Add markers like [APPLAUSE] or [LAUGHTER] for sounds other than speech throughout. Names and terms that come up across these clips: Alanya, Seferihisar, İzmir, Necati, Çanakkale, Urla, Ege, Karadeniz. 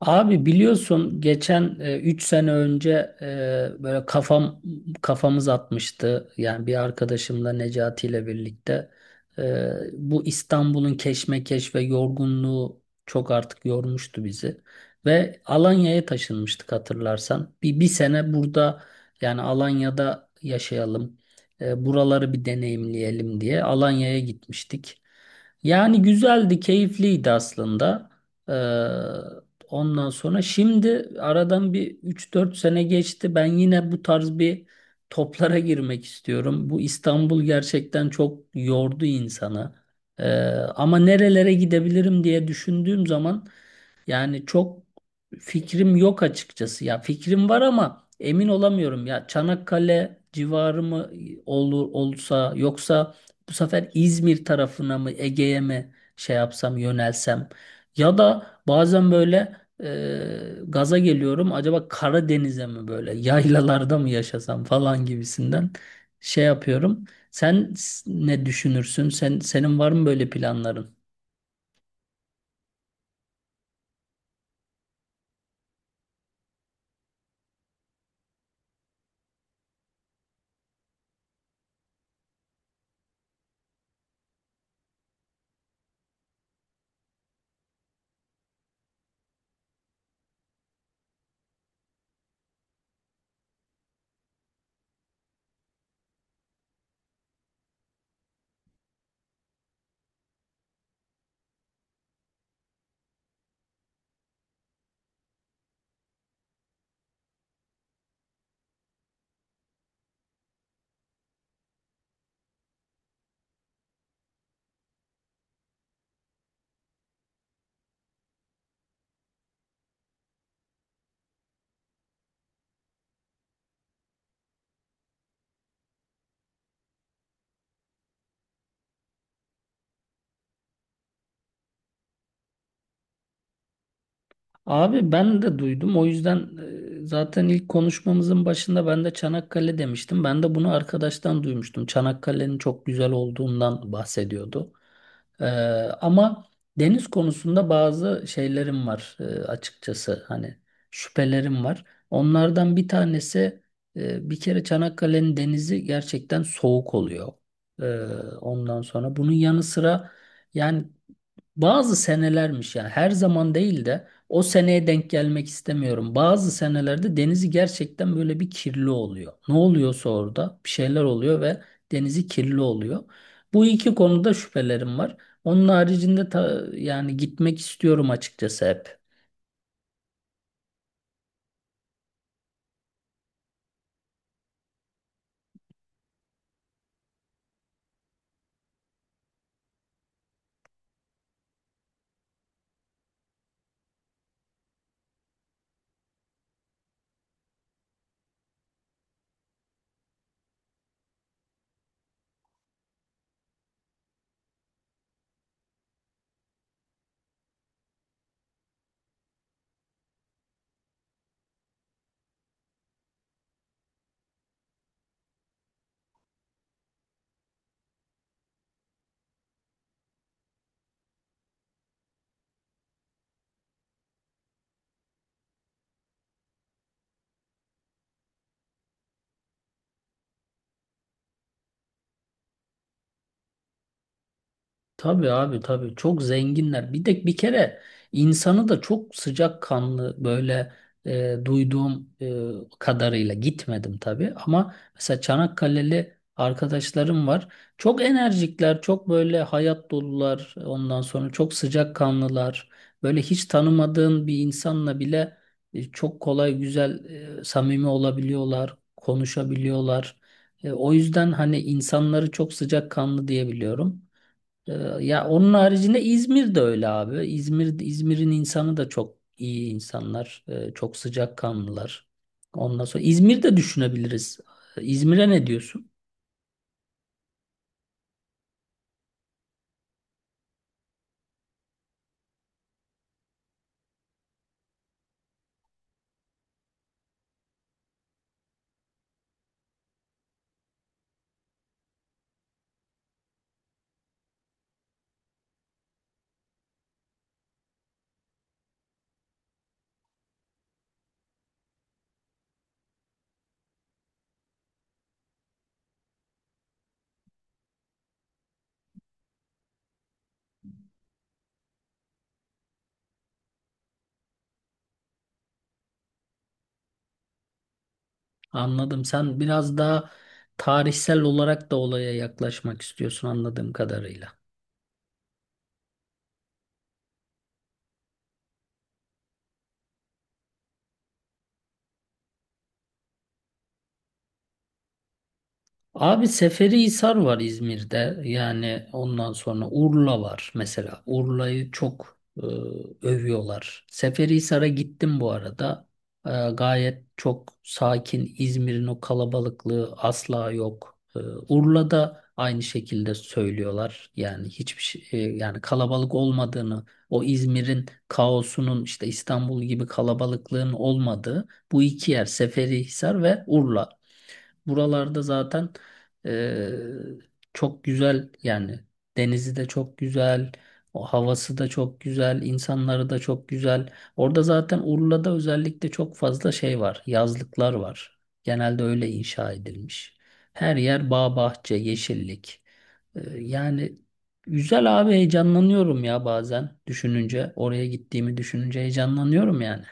Abi biliyorsun geçen 3 sene önce böyle kafamız atmıştı. Yani bir arkadaşımla Necati ile birlikte bu İstanbul'un keşmekeş ve yorgunluğu çok artık yormuştu bizi. Ve Alanya'ya taşınmıştık hatırlarsan. Bir sene burada yani Alanya'da yaşayalım. Buraları bir deneyimleyelim diye Alanya'ya gitmiştik. Yani güzeldi, keyifliydi aslında. E, Ondan sonra şimdi aradan bir üç dört sene geçti. Ben yine bu tarz bir toplara girmek istiyorum. Bu İstanbul gerçekten çok yordu insanı. Ee, ama nerelere gidebilirim diye düşündüğüm zaman yani çok fikrim yok açıkçası. Ya fikrim var ama emin olamıyorum. Ya Çanakkale civarı mı olur olsa yoksa bu sefer İzmir tarafına mı Ege'ye mi şey yapsam yönelsem ya da bazen böyle gaza geliyorum. Acaba Karadeniz'e mi böyle yaylalarda mı yaşasam falan gibisinden şey yapıyorum. Ne düşünürsün? Senin var mı böyle planların? Abi ben de duydum. O yüzden zaten ilk konuşmamızın başında ben de Çanakkale demiştim. Ben de bunu arkadaştan duymuştum. Çanakkale'nin çok güzel olduğundan bahsediyordu. Ee, ama deniz konusunda bazı şeylerim var açıkçası. Hani şüphelerim var. Onlardan bir tanesi, bir kere Çanakkale'nin denizi gerçekten soğuk oluyor. Ee, ondan sonra bunun yanı sıra yani bazı senelermiş, yani her zaman değil de. O seneye denk gelmek istemiyorum. Bazı senelerde denizi gerçekten böyle bir kirli oluyor. Ne oluyorsa orada bir şeyler oluyor ve denizi kirli oluyor. Bu iki konuda şüphelerim var. Onun haricinde yani gitmek istiyorum açıkçası hep. Tabii abi, tabii çok zenginler. Bir de bir kere insanı da çok sıcakkanlı, böyle duyduğum kadarıyla, gitmedim tabii, ama mesela Çanakkale'li arkadaşlarım var. Çok enerjikler, çok böyle hayat dolular. Ondan sonra çok sıcakkanlılar. Böyle hiç tanımadığın bir insanla bile çok kolay güzel, samimi olabiliyorlar, konuşabiliyorlar. O yüzden hani insanları çok sıcakkanlı diyebiliyorum. Ee, Ya onun haricinde İzmir de öyle abi. İzmir'in insanı da çok iyi insanlar, çok sıcakkanlılar. Ondan sonra İzmir'de düşünebiliriz. İzmir'e ne diyorsun? Anladım. Sen biraz daha tarihsel olarak da olaya yaklaşmak istiyorsun anladığım kadarıyla. Abi Seferihisar var İzmir'de. Yani ondan sonra Urla var mesela. Urla'yı çok övüyorlar. Seferihisar'a gittim bu arada. Gayet çok sakin. İzmir'in o kalabalıklığı asla yok. Urla'da aynı şekilde söylüyorlar. Yani hiçbir şey yani kalabalık olmadığını, o İzmir'in kaosunun, işte İstanbul gibi kalabalıklığın olmadığı bu iki yer Seferihisar ve Urla. Buralarda zaten eee, çok güzel yani. Denizi de çok güzel, o havası da çok güzel, insanları da çok güzel. Orada zaten Urla'da özellikle çok fazla şey var, yazlıklar var. Genelde öyle inşa edilmiş. Her yer bağ bahçe, yeşillik. Yani güzel abi, heyecanlanıyorum ya bazen düşününce, oraya gittiğimi düşününce heyecanlanıyorum yani.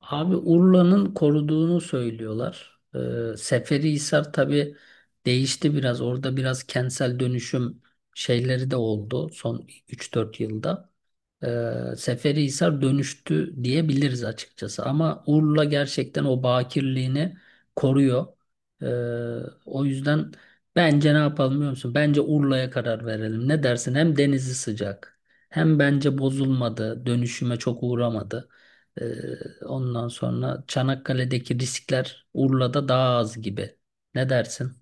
Abi Urla'nın koruduğunu söylüyorlar. Seferihisar tabii değişti biraz. Orada biraz kentsel dönüşüm şeyleri de oldu son 3-4 yılda. Seferihisar dönüştü diyebiliriz açıkçası. Ama Urla gerçekten o bakirliğini koruyor. Ee, o yüzden bence ne yapalım biliyor musun? Bence Urla'ya karar verelim. Ne dersin? Hem denizi sıcak, hem bence bozulmadı, dönüşüme çok uğramadı. Ee, ondan sonra Çanakkale'deki riskler Urla'da daha az gibi. Ne dersin?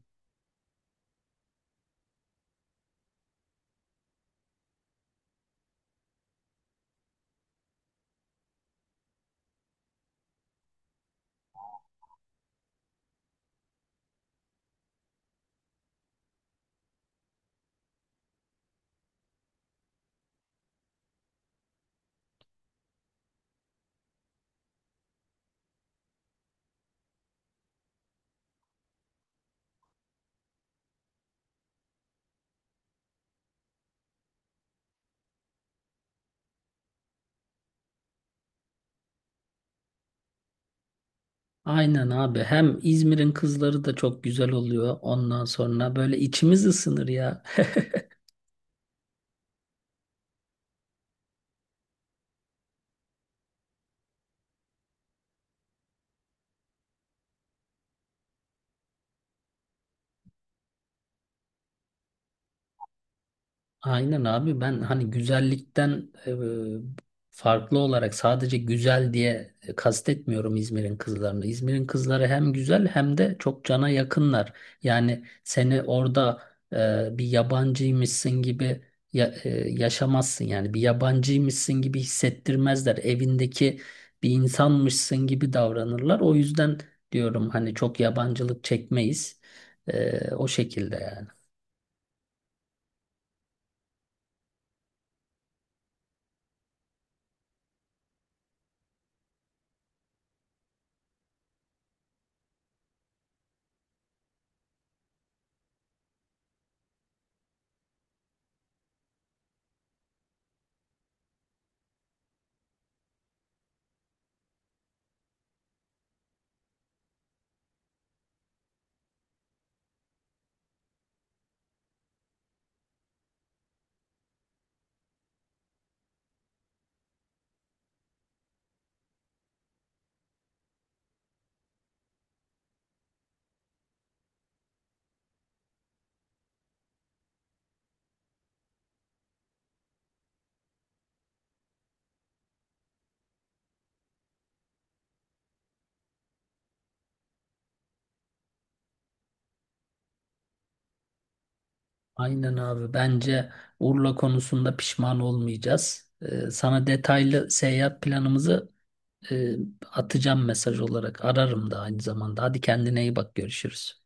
Aynen abi. Hem İzmir'in kızları da çok güzel oluyor. Ondan sonra böyle içimiz ısınır ya. [LAUGHS] Aynen abi, ben hani güzellikten farklı olarak sadece güzel diye kastetmiyorum İzmir'in kızlarını. İzmir'in kızları hem güzel hem de çok cana yakınlar. Yani seni orada bir yabancıymışsın gibi yaşamazsın, yani bir yabancıymışsın gibi hissettirmezler. Evindeki bir insanmışsın gibi davranırlar. O yüzden diyorum hani çok yabancılık çekmeyiz. O şekilde yani. Aynen abi. Bence Urla konusunda pişman olmayacağız. Sana detaylı seyahat planımızı e, atacağım mesaj olarak. Ararım da aynı zamanda. Hadi kendine iyi bak. Görüşürüz.